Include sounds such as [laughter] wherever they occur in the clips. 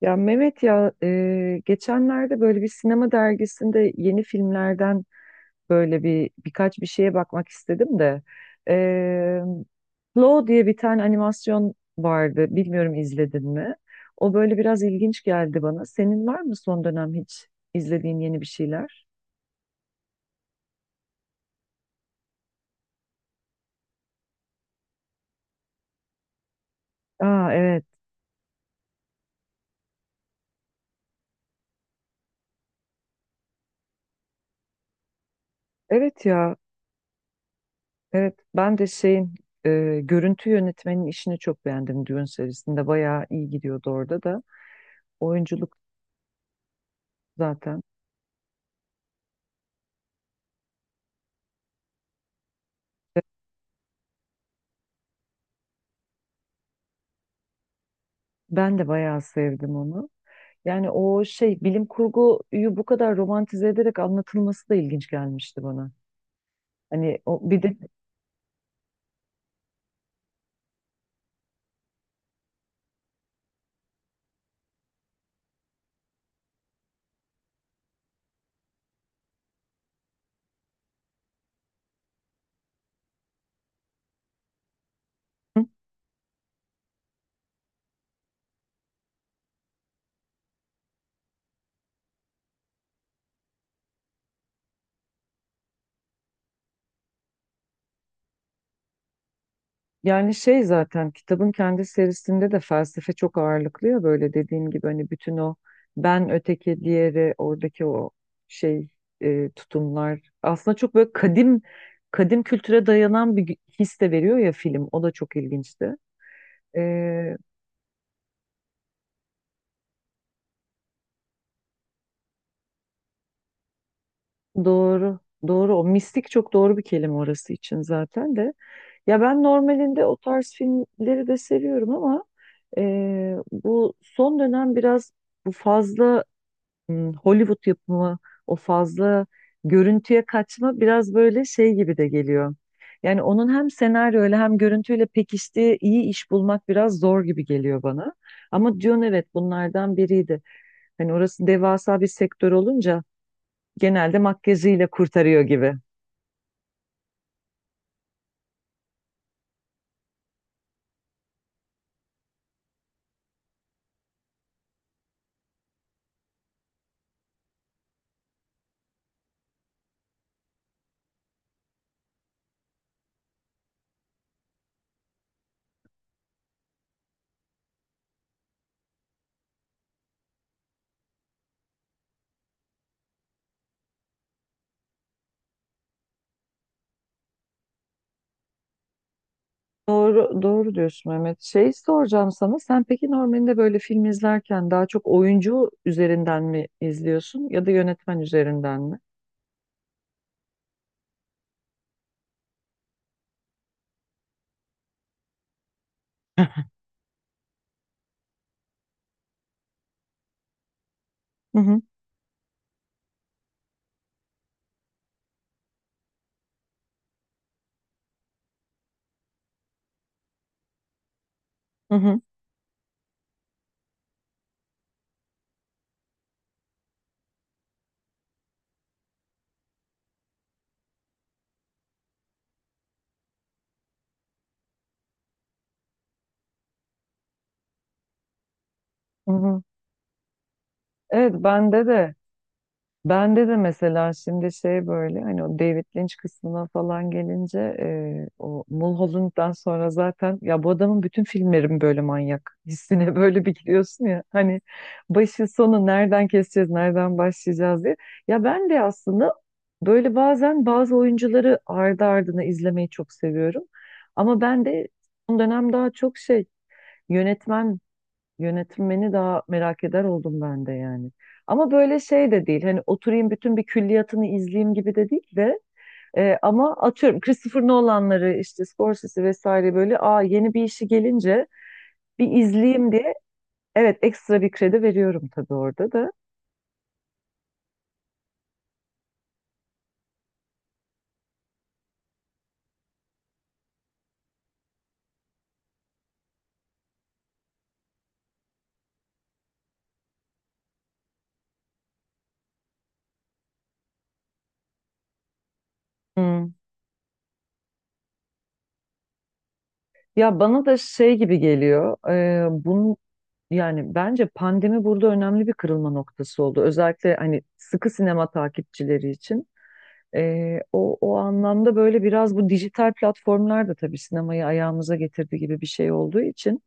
Ya Mehmet ya, geçenlerde böyle bir sinema dergisinde yeni filmlerden böyle birkaç bir şeye bakmak istedim de, e, Flow diye bir tane animasyon vardı. Bilmiyorum izledin mi? O böyle biraz ilginç geldi bana. Senin var mı son dönem hiç izlediğin yeni bir şeyler? Aa, evet. Evet ya. Evet, ben de şeyin, görüntü yönetmenin işini çok beğendim Dune serisinde. Bayağı iyi gidiyordu orada da. Oyunculuk zaten. Ben de bayağı sevdim onu. Yani o şey bilim kurguyu bu kadar romantize ederek anlatılması da ilginç gelmişti bana. Hani o bir de, yani şey, zaten kitabın kendi serisinde de felsefe çok ağırlıklı ya, böyle dediğim gibi hani bütün o ben öteki diğeri oradaki o şey, tutumlar aslında çok böyle kadim kültüre dayanan bir his de veriyor ya film, o da çok ilginçti. E, doğru, doğru, o mistik çok doğru bir kelime orası için zaten de. Ya ben normalinde o tarz filmleri de seviyorum ama bu son dönem biraz bu fazla Hollywood yapımı, o fazla görüntüye kaçma biraz böyle şey gibi de geliyor. Yani onun hem senaryoyla hem görüntüyle pekiştiği iyi iş bulmak biraz zor gibi geliyor bana. Ama Dune, evet, bunlardan biriydi. Hani orası devasa bir sektör olunca genelde makyajıyla kurtarıyor gibi. Doğru, doğru diyorsun Mehmet. Şey soracağım sana. Sen peki normalde böyle film izlerken daha çok oyuncu üzerinden mi izliyorsun ya da yönetmen üzerinden mi? [laughs] Hı hı, hı hı, hı hı. Evet, bende de. Bende de mesela şimdi şey, böyle hani o David Lynch kısmına falan gelince, o Mulholland'dan sonra zaten ya, bu adamın bütün filmlerim böyle manyak hissine [laughs] böyle bir giriyorsun ya hani, başı sonu nereden keseceğiz nereden başlayacağız diye. Ya ben de aslında böyle bazen bazı oyuncuları ardı ardına izlemeyi çok seviyorum ama ben de son dönem daha çok şey, yönetmen, yönetmeni daha merak eder oldum ben de yani. Ama böyle şey de değil. Hani oturayım bütün bir külliyatını izleyeyim gibi de değil de, ama atıyorum Christopher Nolan'ları, işte Scorsese vesaire, böyle aa yeni bir işi gelince bir izleyeyim diye evet, ekstra bir kredi veriyorum tabii orada da. Hı. Ya, bana da şey gibi geliyor. Bunun, yani bence pandemi burada önemli bir kırılma noktası oldu. Özellikle hani sıkı sinema takipçileri için. O anlamda böyle biraz bu dijital platformlar da tabii sinemayı ayağımıza getirdi gibi bir şey olduğu için,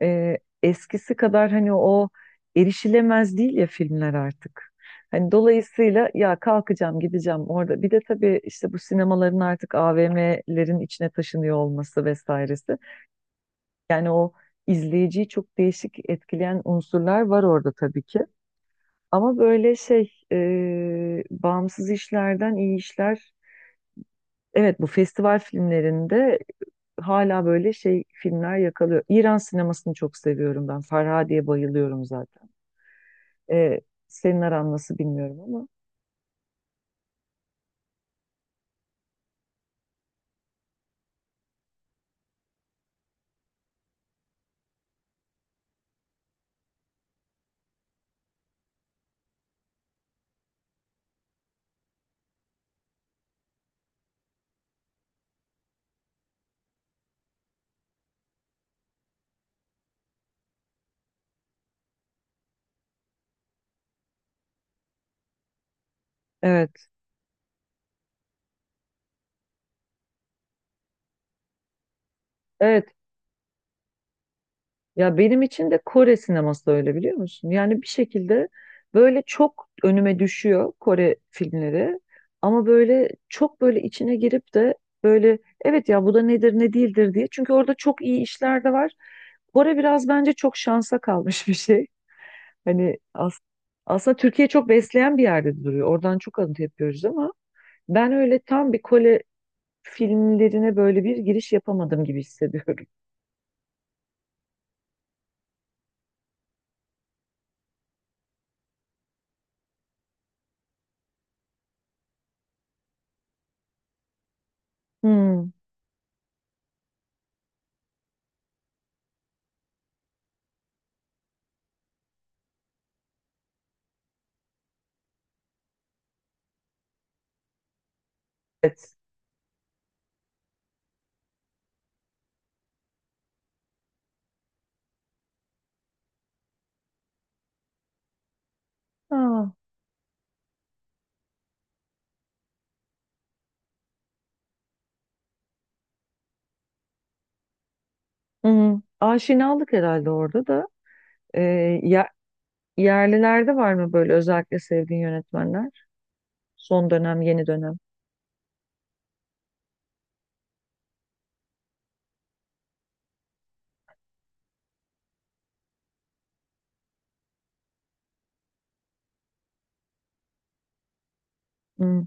eskisi kadar hani o erişilemez değil ya filmler artık. Hani dolayısıyla ya, kalkacağım gideceğim orada. Bir de tabii işte bu sinemaların artık AVM'lerin içine taşınıyor olması vesairesi. Yani o izleyiciyi çok değişik etkileyen unsurlar var orada tabii ki. Ama böyle şey, bağımsız işlerden iyi işler. Evet, bu festival filmlerinde hala böyle şey filmler yakalıyor. İran sinemasını çok seviyorum ben. Farhadiye bayılıyorum zaten. E, senin aran nasıl bilmiyorum ama. Evet. Evet. Ya benim için de Kore sineması da öyle, biliyor musun? Yani bir şekilde böyle çok önüme düşüyor Kore filmleri ama böyle çok, böyle içine girip de böyle, evet ya, bu da nedir ne değildir diye. Çünkü orada çok iyi işler de var. Kore biraz bence çok şansa kalmış [laughs] bir şey. Hani aslında Türkiye çok besleyen bir yerde duruyor. Oradan çok alıntı yapıyoruz ama ben öyle tam bir Kore filmlerine böyle bir giriş yapamadım gibi hissediyorum. Hmm. Evet. Aa. Hı-hı. Aşinalık herhalde orada da. Ee, ya, yerlilerde var mı böyle özellikle sevdiğin yönetmenler? Son dönem, yeni dönem. Hı.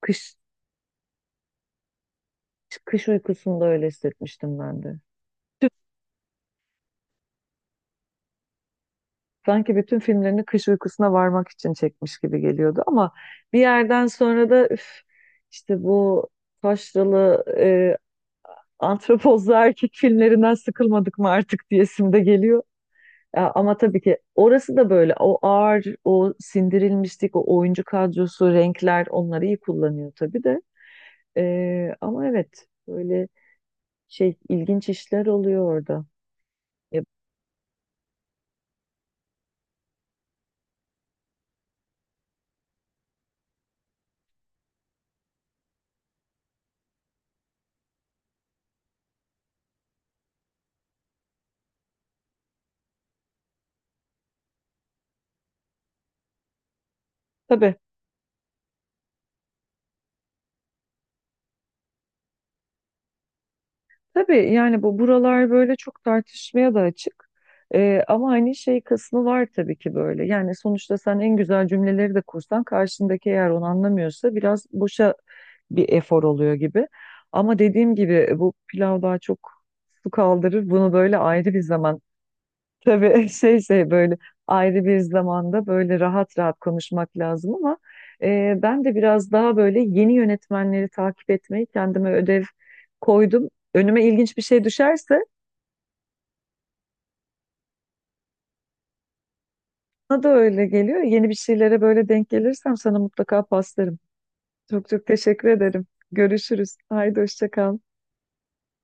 Kış, kış uykusunda öyle hissetmiştim ben de. Tü- Sanki bütün filmlerini Kış Uykusu'na varmak için çekmiş gibi geliyordu ama bir yerden sonra da üf, işte bu taşralı, antropozlu erkek filmlerinden sıkılmadık mı artık diyesim de geliyor. Ya, ama tabii ki orası da böyle o ağır, o sindirilmişlik, o oyuncu kadrosu, renkler, onları iyi kullanıyor tabii de. Ama evet, böyle şey, ilginç işler oluyor orada. Ya, tabii Tabii yani, bu buralar böyle çok tartışmaya da açık. Ama hani şey kısmı var tabii ki böyle. Yani sonuçta sen en güzel cümleleri de kursan karşındaki eğer onu anlamıyorsa biraz boşa bir efor oluyor gibi. Ama dediğim gibi bu pilav daha çok su kaldırır. Bunu böyle ayrı bir zaman. Tabii, [laughs] şey böyle, ayrı bir zamanda böyle rahat rahat konuşmak lazım ama, ben de biraz daha böyle yeni yönetmenleri takip etmeyi kendime ödev koydum. Önüme ilginç bir şey düşerse bana da öyle geliyor. Yeni bir şeylere böyle denk gelirsem sana mutlaka paslarım. Çok çok teşekkür ederim. Görüşürüz. Haydi, hoşça kal.